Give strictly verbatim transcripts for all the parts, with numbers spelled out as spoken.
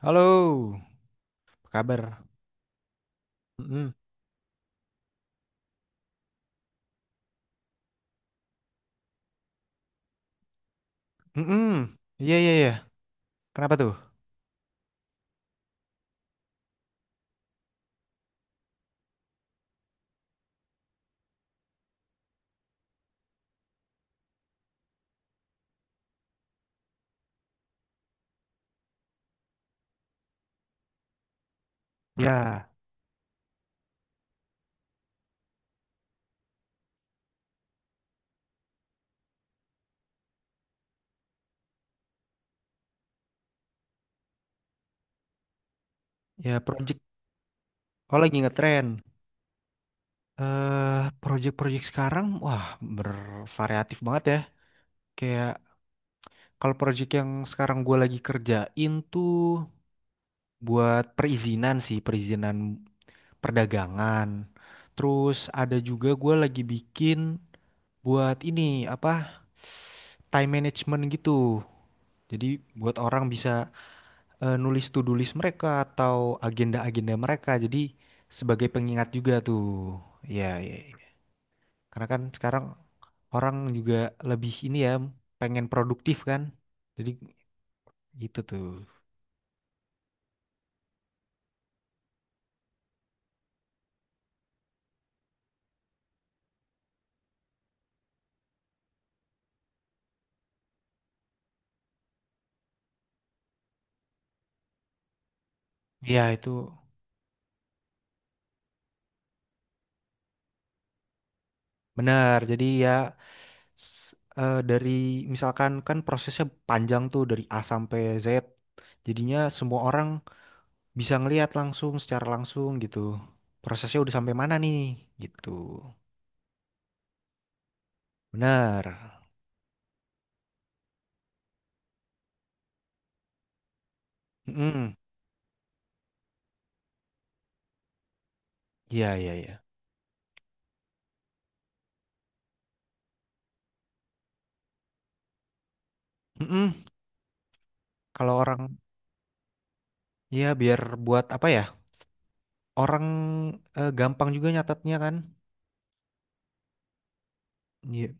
Halo, apa kabar? Mm-mm. Mm-mm. Iya, iya, iya. Kenapa tuh? Ya, ya, project. Oh, lagi ngetren. Eh, project-project sekarang, wah, bervariatif banget ya. Kayak kalau project yang sekarang gue lagi kerjain tuh buat perizinan sih, perizinan perdagangan. Terus ada juga gue lagi bikin buat ini apa? Time management gitu. Jadi buat orang bisa eh, nulis to-do list mereka atau agenda-agenda mereka. Jadi sebagai pengingat juga tuh. Ya, ya, ya. Karena kan sekarang orang juga lebih ini ya, pengen produktif kan. Jadi gitu tuh. Ya itu benar. Jadi ya s- eh, dari misalkan kan prosesnya panjang tuh dari A sampai Z. Jadinya semua orang bisa ngelihat langsung secara langsung gitu. Prosesnya udah sampai mana nih gitu. Benar. Mm-mm. Iya, iya, iya. Mm-mm. Kalau orang, ya biar buat apa ya? Orang eh, gampang juga nyatetnya kan. Iya,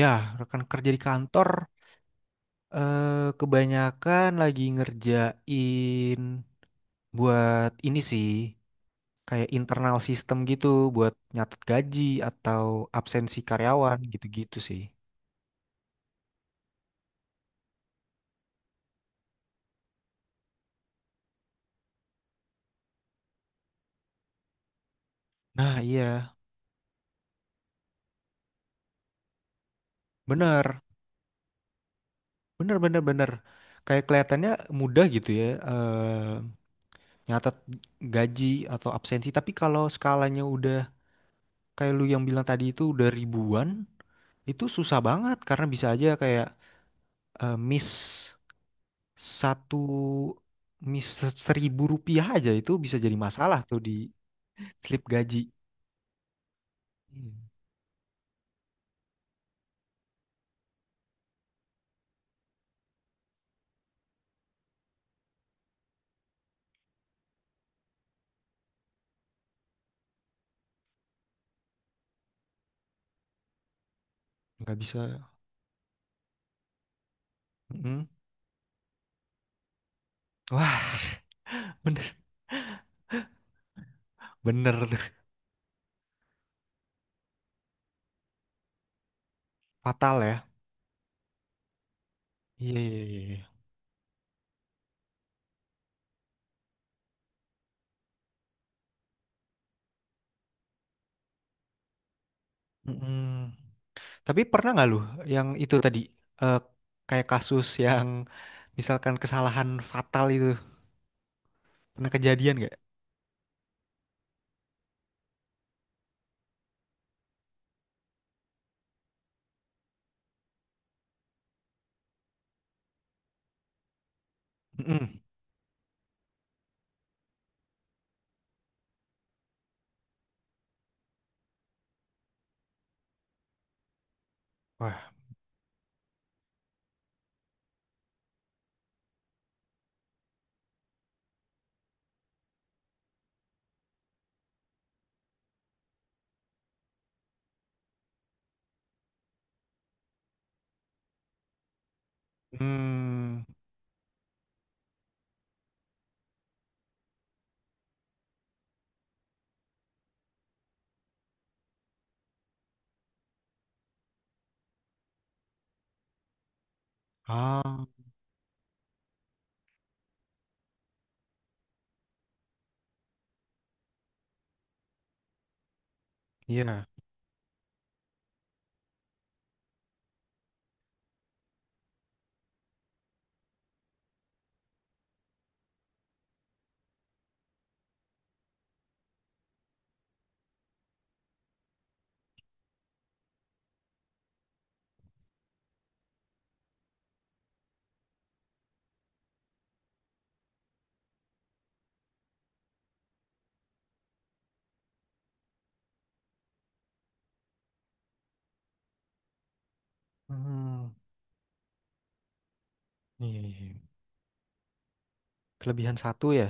ya, rekan kerja di kantor eh, kebanyakan lagi ngerjain buat ini sih, kayak internal sistem gitu, buat nyatet gaji atau absensi karyawan gitu-gitu sih. Nah, iya, bener, bener, bener, bener. Kayak kelihatannya mudah gitu ya, eh, nyatet gaji atau absensi. Tapi kalau skalanya udah kayak lu yang bilang tadi itu udah ribuan, itu susah banget karena bisa aja kayak eh, miss satu miss seribu rupiah aja itu bisa jadi masalah tuh di slip gaji. Hmm. Nggak bisa. Mm-mm. Wah, bener bener tuh. Fatal ya. Iya iya iya, iya. Mm-mm. Tapi pernah nggak lu yang itu tadi eh, kayak kasus yang misalkan kesalahan fatal itu? Pernah kejadian nggak? Mhm. Wah, mmm, ah, iya, mmm, iya iya, iya. Kelebihan satu ya?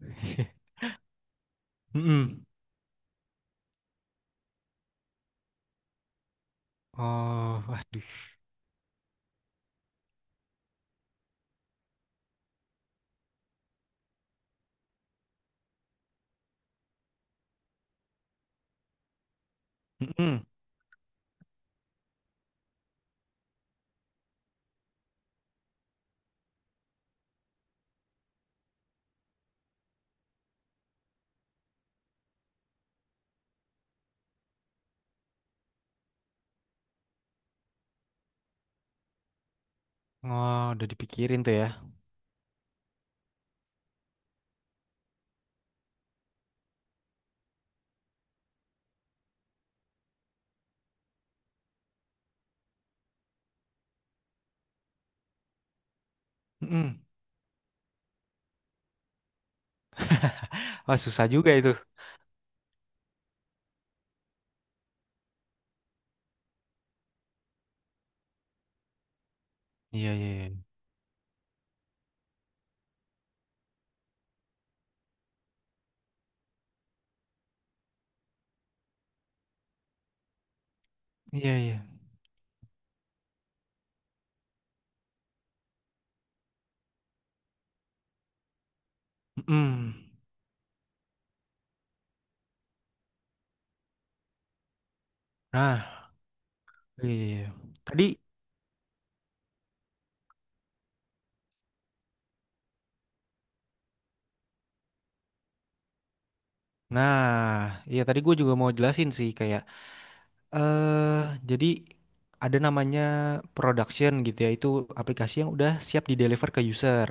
Mhm. Oh, waduh, mhm. Oh, udah dipikirin tuh ya, mhm. Wah, susah juga itu. Iya iya iya. Iya iya, mhm. Nah, iya. Tadi nah, iya tadi gue juga mau jelasin sih kayak, eh jadi ada namanya production gitu ya, itu aplikasi yang udah siap di deliver ke user.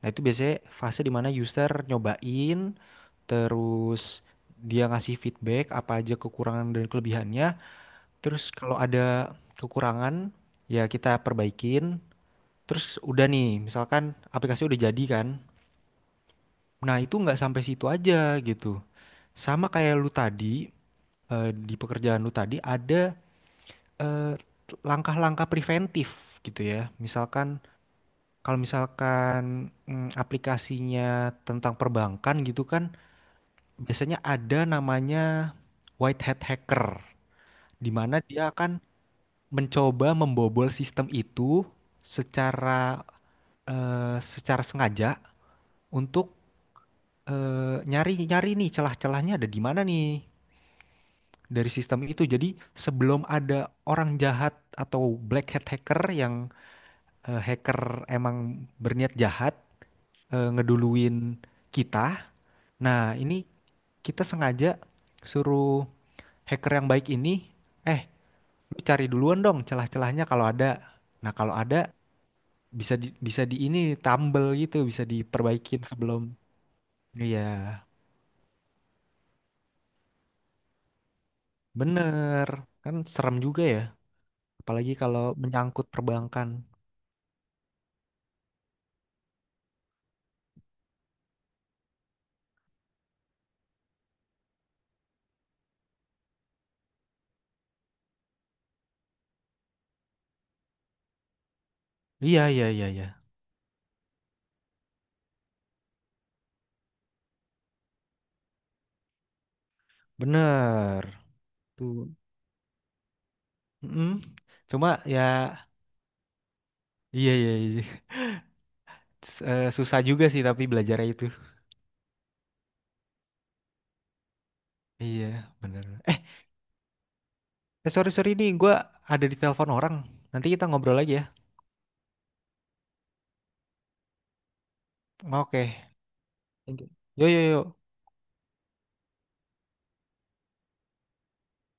Nah, itu biasanya fase di mana user nyobain, terus dia ngasih feedback apa aja kekurangan dan kelebihannya. Terus kalau ada kekurangan, ya kita perbaikin. Terus udah nih, misalkan aplikasi udah jadi kan. Nah, itu nggak sampai situ aja gitu. Sama kayak lu tadi, eh, di pekerjaan lu tadi ada eh, langkah-langkah preventif gitu ya. Misalkan kalau misalkan mm, aplikasinya tentang perbankan gitu kan biasanya ada namanya white hat hacker di mana dia akan mencoba membobol sistem itu secara eh, secara sengaja untuk eh, nyari-nyari nih celah-celahnya ada di mana nih dari sistem itu. Jadi sebelum ada orang jahat atau black hat hacker yang eh, hacker emang berniat jahat eh, ngeduluin kita. Nah, ini kita sengaja suruh hacker yang baik ini, eh, lu cari duluan dong celah-celahnya kalau ada. Nah, kalau ada bisa di, bisa di ini tambel gitu, bisa diperbaikin sebelum. Iya, bener. Kan serem juga ya, apalagi kalau menyangkut perbankan. Iya, iya, iya, iya. Bener. Tuh. Mm-mm. Cuma ya, iya, iya, iya. S- eh, susah juga sih tapi belajarnya itu. Iya, bener. Eh, eh, sorry sorry ini gue ada di telepon orang. Nanti kita ngobrol lagi ya. Oke. Thank you. Yo yo yo.